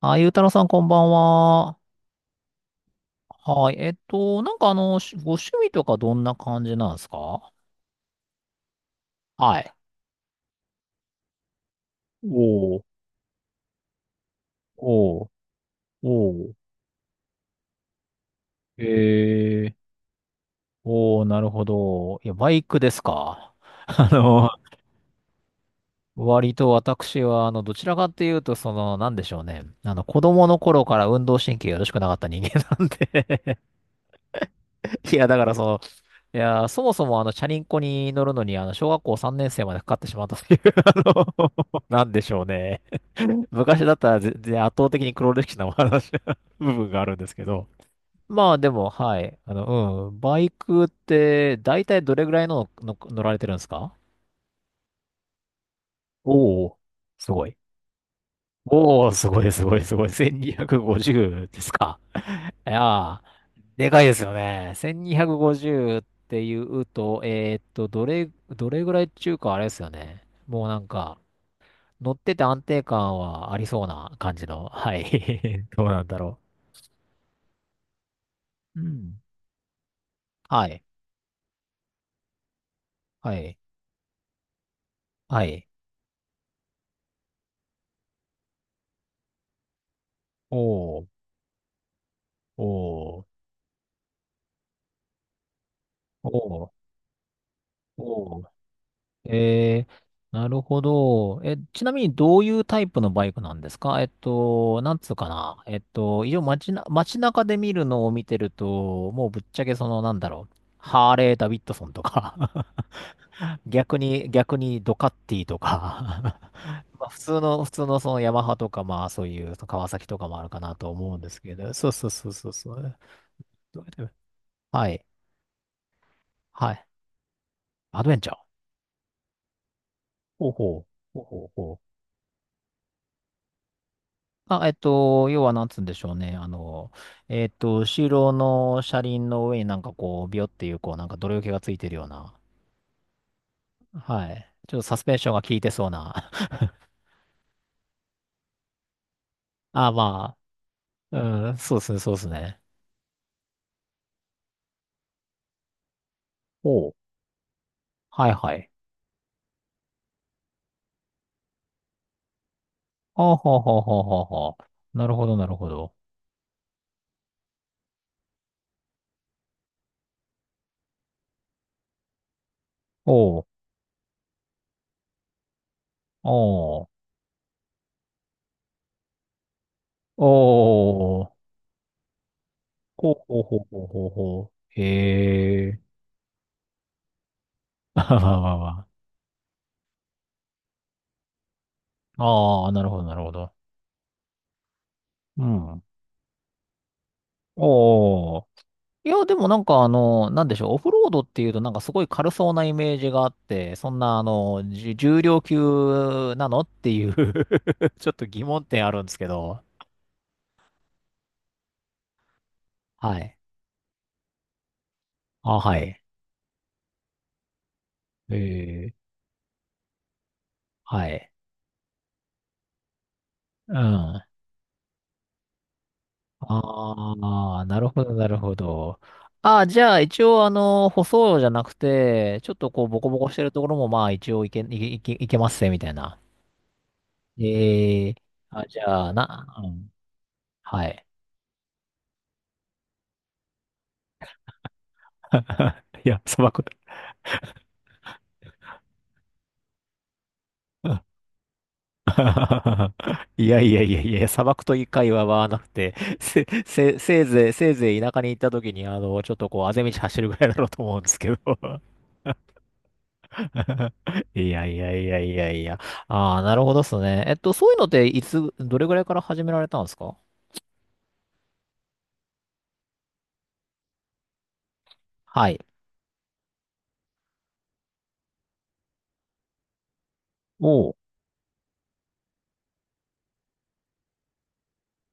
あ、ゆうたろうさん、こんばんは。はい。しご趣味とかどんな感じなんですか？はい。おー、おー、おー。えー、おー、なるほど。いや、バイクですか。あの、割と私は、どちらかっていうと、その、なんでしょうね。あの、子供の頃から運動神経がよろしくなかった人間なんで。 いや、だからその、いや、そもそもチャリンコに乗るのに、小学校3年生までかかってしまったという、の、なんでしょうね。昔だったら全然圧倒的に黒歴史なお話 部分があるんですけど。まあでも、はい。バイクって、だいたいどれぐらいの乗られてるんですか？おおー、すごい。おお、すごい。1250ですか。いやー、でかいですよね。1250っていうと、どれぐらいっていうか、あれですよね。もうなんか、乗ってて安定感はありそうな感じの。はい。どうなんだろう。うん。はい。はい。はい。おー、おー、おー、おー。えー、なるほど。え、ちなみにどういうタイプのバイクなんですか？えっと、なんつうかな。えっと、一応街中で見るのを見てると、もうぶっちゃけハーレー・ダビッドソンとか、 逆にドカッティとか、 まあ普通のそのヤマハとか、まあそういう川崎とかもあるかなと思うんですけど、そう。どうやって。はい。はい。アドベンチャー。ほうほう。ほうほうほう。あ、えっと、要はなんつうんでしょうね。後ろの車輪の上になんかこう、ビヨっていう、こう、なんか泥除けがついてるような。はい。ちょっとサスペンションが効いてそうな。あ、まうん、そうですね。ほう。はいはい。あ、ほう。なるほど。おう、おう、おう、ほう。へえ。ああ、なるほど。うん。おー。いや、でもなんかあの、なんでしょう、オフロードっていうとなんかすごい軽そうなイメージがあって、そんな重量級なのっていう、 ちょっと疑問点あるんですけど。はい。あ、はい。ええ。はい。うん。ああ、なるほど。ああ、じゃあ一応あの、舗装じゃなくて、ちょっとこう、ボコボコしてるところもまあ一応いけますね、みたいな。ええ。あ、じゃあ、うん。はい。いや砂漠、いや、砂漠という会話はなくて、せいぜい田舎に行った時にあのちょっとこうアぜ道走るぐらいなのと思うんですけど。いや、ああなるほどですね。えっとそういうのでいつどれぐらいから始められたんですか？はい。お。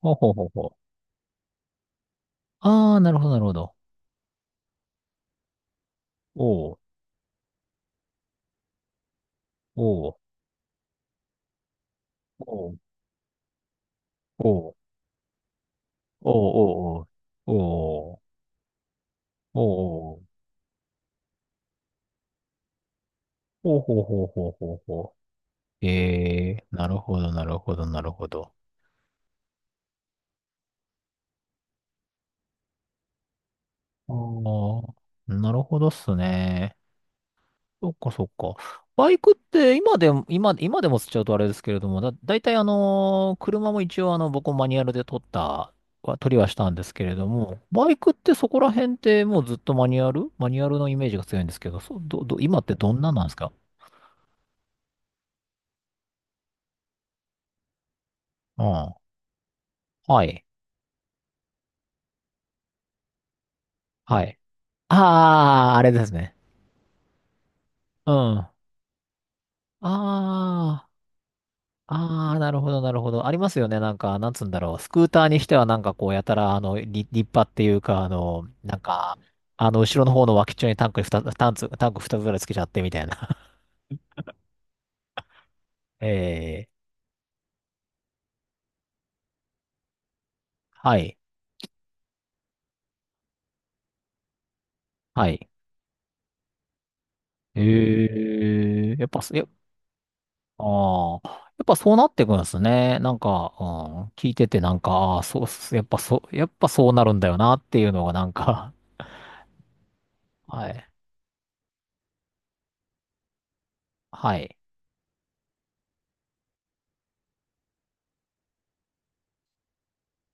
ほほほほ。ああ、なるほど。おおおおおおおおおおおおお。ほほほほほほ。えー、なるほど。ああ、なるほどっすね。そっか。バイクって今でも、今でもつっちゃうとあれですけれども、だいたいあのー車も一応あの、僕もマニュアルで取った、取りはしたんですけれども、バイクってそこら辺ってもうずっとマニュアルのイメージが強いんですけど、そう、今ってどんなんなんですか？うん。はい。はい。ああ、あれですね。うん。ああ。ああ、なるほど。ありますよね。なんか、なんつうんだろう。スクーターにしては、なんかこう、やたら、立派っていうか、後ろの方の脇っちょにタンクにふたタンク、タンク2つぐらいつけちゃって、みたいな。ええ、はい、はい。ええやっぱ、や、ああ、やっぱそうなってくんですね。聞いてて、なんか、ああ、そうっす、やっぱそうなるんだよな、っていうのが、なんか、はい、はい、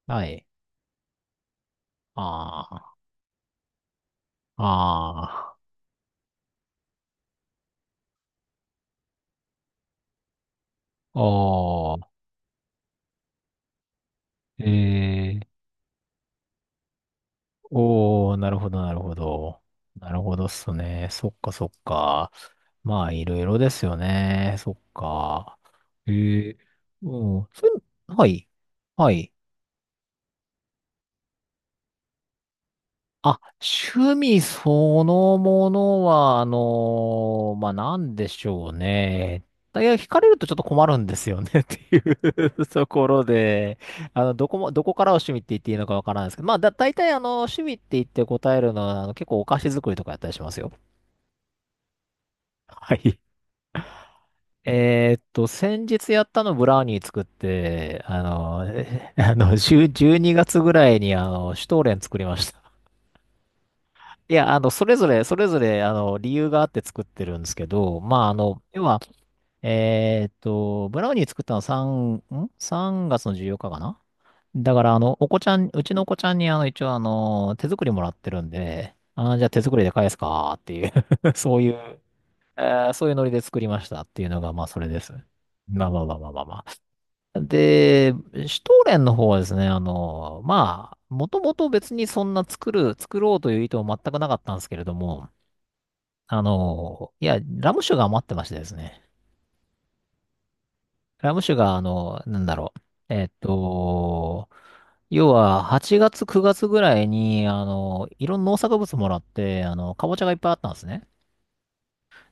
はい。ああ、ああ、おー。えー、おー、なるほど。なるほどっすね。そっか。まあ、いろいろですよね。そっか。えー、うん、それ、はい。はい。あ、趣味そのものは、なんでしょうね。だいや、惹かれるとちょっと困るんですよね。 っていうところで、どこからを趣味って言っていいのかわからないですけど、まあ、大体あの、趣味って言って答えるのは、結構お菓子作りとかやったりしますよ。はい。えーっと、先日やったのブラウニー作って、あの、えあの、10、 12月ぐらいにシュトーレン作りました。いや、あの、それぞれ、理由があって作ってるんですけど、まあ、あの、要は、えーっと、ブラウニー作ったの3、ん？ 3 月の14日かかな。だから、あの、お子ちゃん、うちのお子ちゃんに、あの、一応、あの、手作りもらってるんで、あー、じゃあ手作りで返すかっていう、 そういう、えーそういうノリで作りましたっていうのが、まあ、それです。まあ。で、シュトーレンの方はですね、あの、まあ、もともと別にそんな作ろうという意図は全くなかったんですけれども、あの、いや、ラム酒が余ってましてですね。ラム酒が、あの、なんだろう。えっと、要は、8月、9月ぐらいに、いろんな農作物もらって、かぼちゃがいっぱいあったんですね。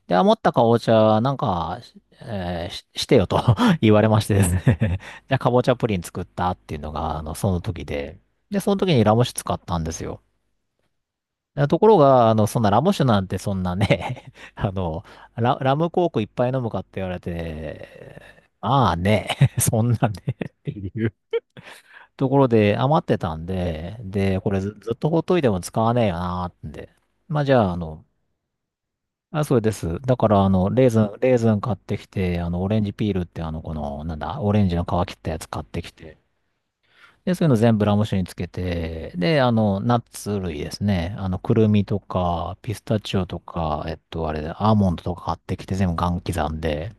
で、余ったかぼちゃ、なんか、えーし、してよと 言われましてですね。 じゃあ、かぼちゃプリン作ったっていうのが、あの、その時で。で、その時にラム酒使ったんですよ。あところが、あの、そんなラム酒なんてそんなね、あの、ラムコークいっぱい飲むかって言われて、ああね、そんなね、 っていうところで余ってたんで、で、これずっとほっといても使わねえよなーってんで。まあじゃあ、あの、あ、そうです。だから、あの、レーズン買ってきて、あの、オレンジピールって、あの、この、なんだ、オレンジの皮切ったやつ買ってきて、で、そういうの全部ラム酒につけて、で、あの、ナッツ類ですね。あの、くるみとか、ピスタチオとか、えっと、あれ、アーモンドとか買ってきて全部ガン刻んで、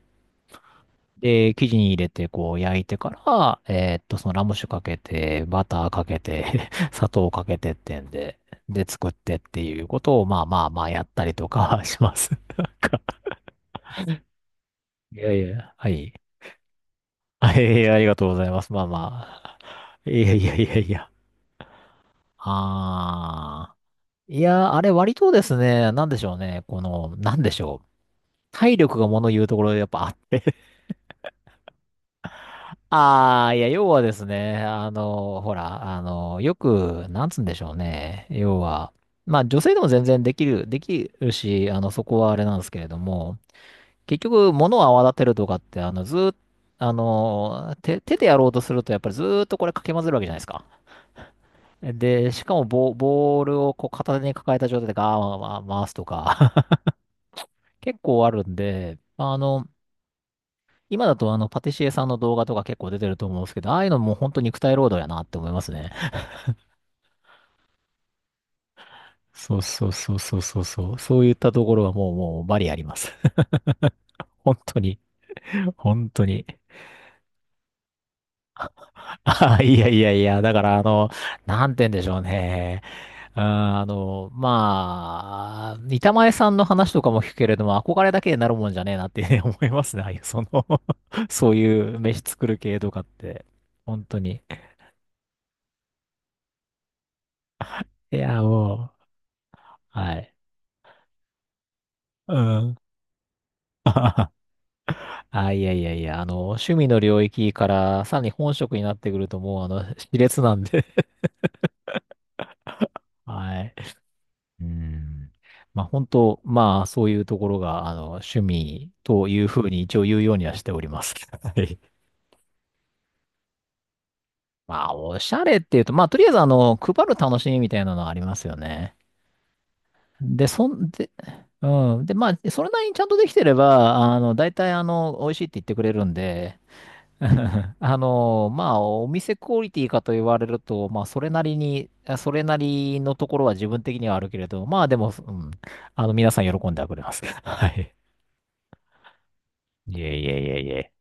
で、生地に入れて、こう、焼いてから、えっと、そのラム酒かけて、バターかけて、砂糖かけてってんで、で、作ってっていうことを、やったりとか します。なんか、いやいや、はい。はいやいや、ありがとうございます。まあまあ。いや。ああ。いやー、あれ割とですね、なんでしょうね。この、なんでしょう。体力が物言うところでやっぱあって。ああ、いや、要はですね、あの、ほら、あの、よく、なんつうんでしょうね。要は、まあ女性でも全然できるし、あの、そこはあれなんですけれども、結局、物を泡立てるとかって、あの、ずーっと、あの、手でやろうとすると、やっぱりずーっとこれかき混ぜるわけじゃないですか。で、しかもボールをこう片手に抱えた状態でガーッ回すとか、結構あるんで、あの、今だとあの、パティシエさんの動画とか結構出てると思うんですけど、ああいうのも本当肉体労働やなって思いますね。そう。そういったところはもうバリあります。本当に。本当に。ああ、いやいやいや、だからあの、なんて言うんでしょうね。うんあの、まあ、板前さんの話とかも聞くけれども、憧れだけになるもんじゃねえなって ね思いますね。ああいうその そういう飯作る系とかって。本当に。いや、もう。はい。うん。あ、あの、趣味の領域からさらに本職になってくるともう、あの、熾烈なんで。はい。うん。本当、まあ、そういうところが、あの、趣味というふうに一応言うようにはしております。はい。まあ、おしゃれっていうと、まあ、とりあえず、あの、配る楽しみみたいなのはありますよね。で、そんで、うん。で、まあ、それなりにちゃんとできてれば、あの、大体、あの、美味しいって言ってくれるんで、あの、まあ、お店クオリティかと言われると、まあ、それなりに、あそれなりのところは自分的にはあるけれど、まあ、でも、うん、あの、皆さん喜んではくれます。はい。いえ。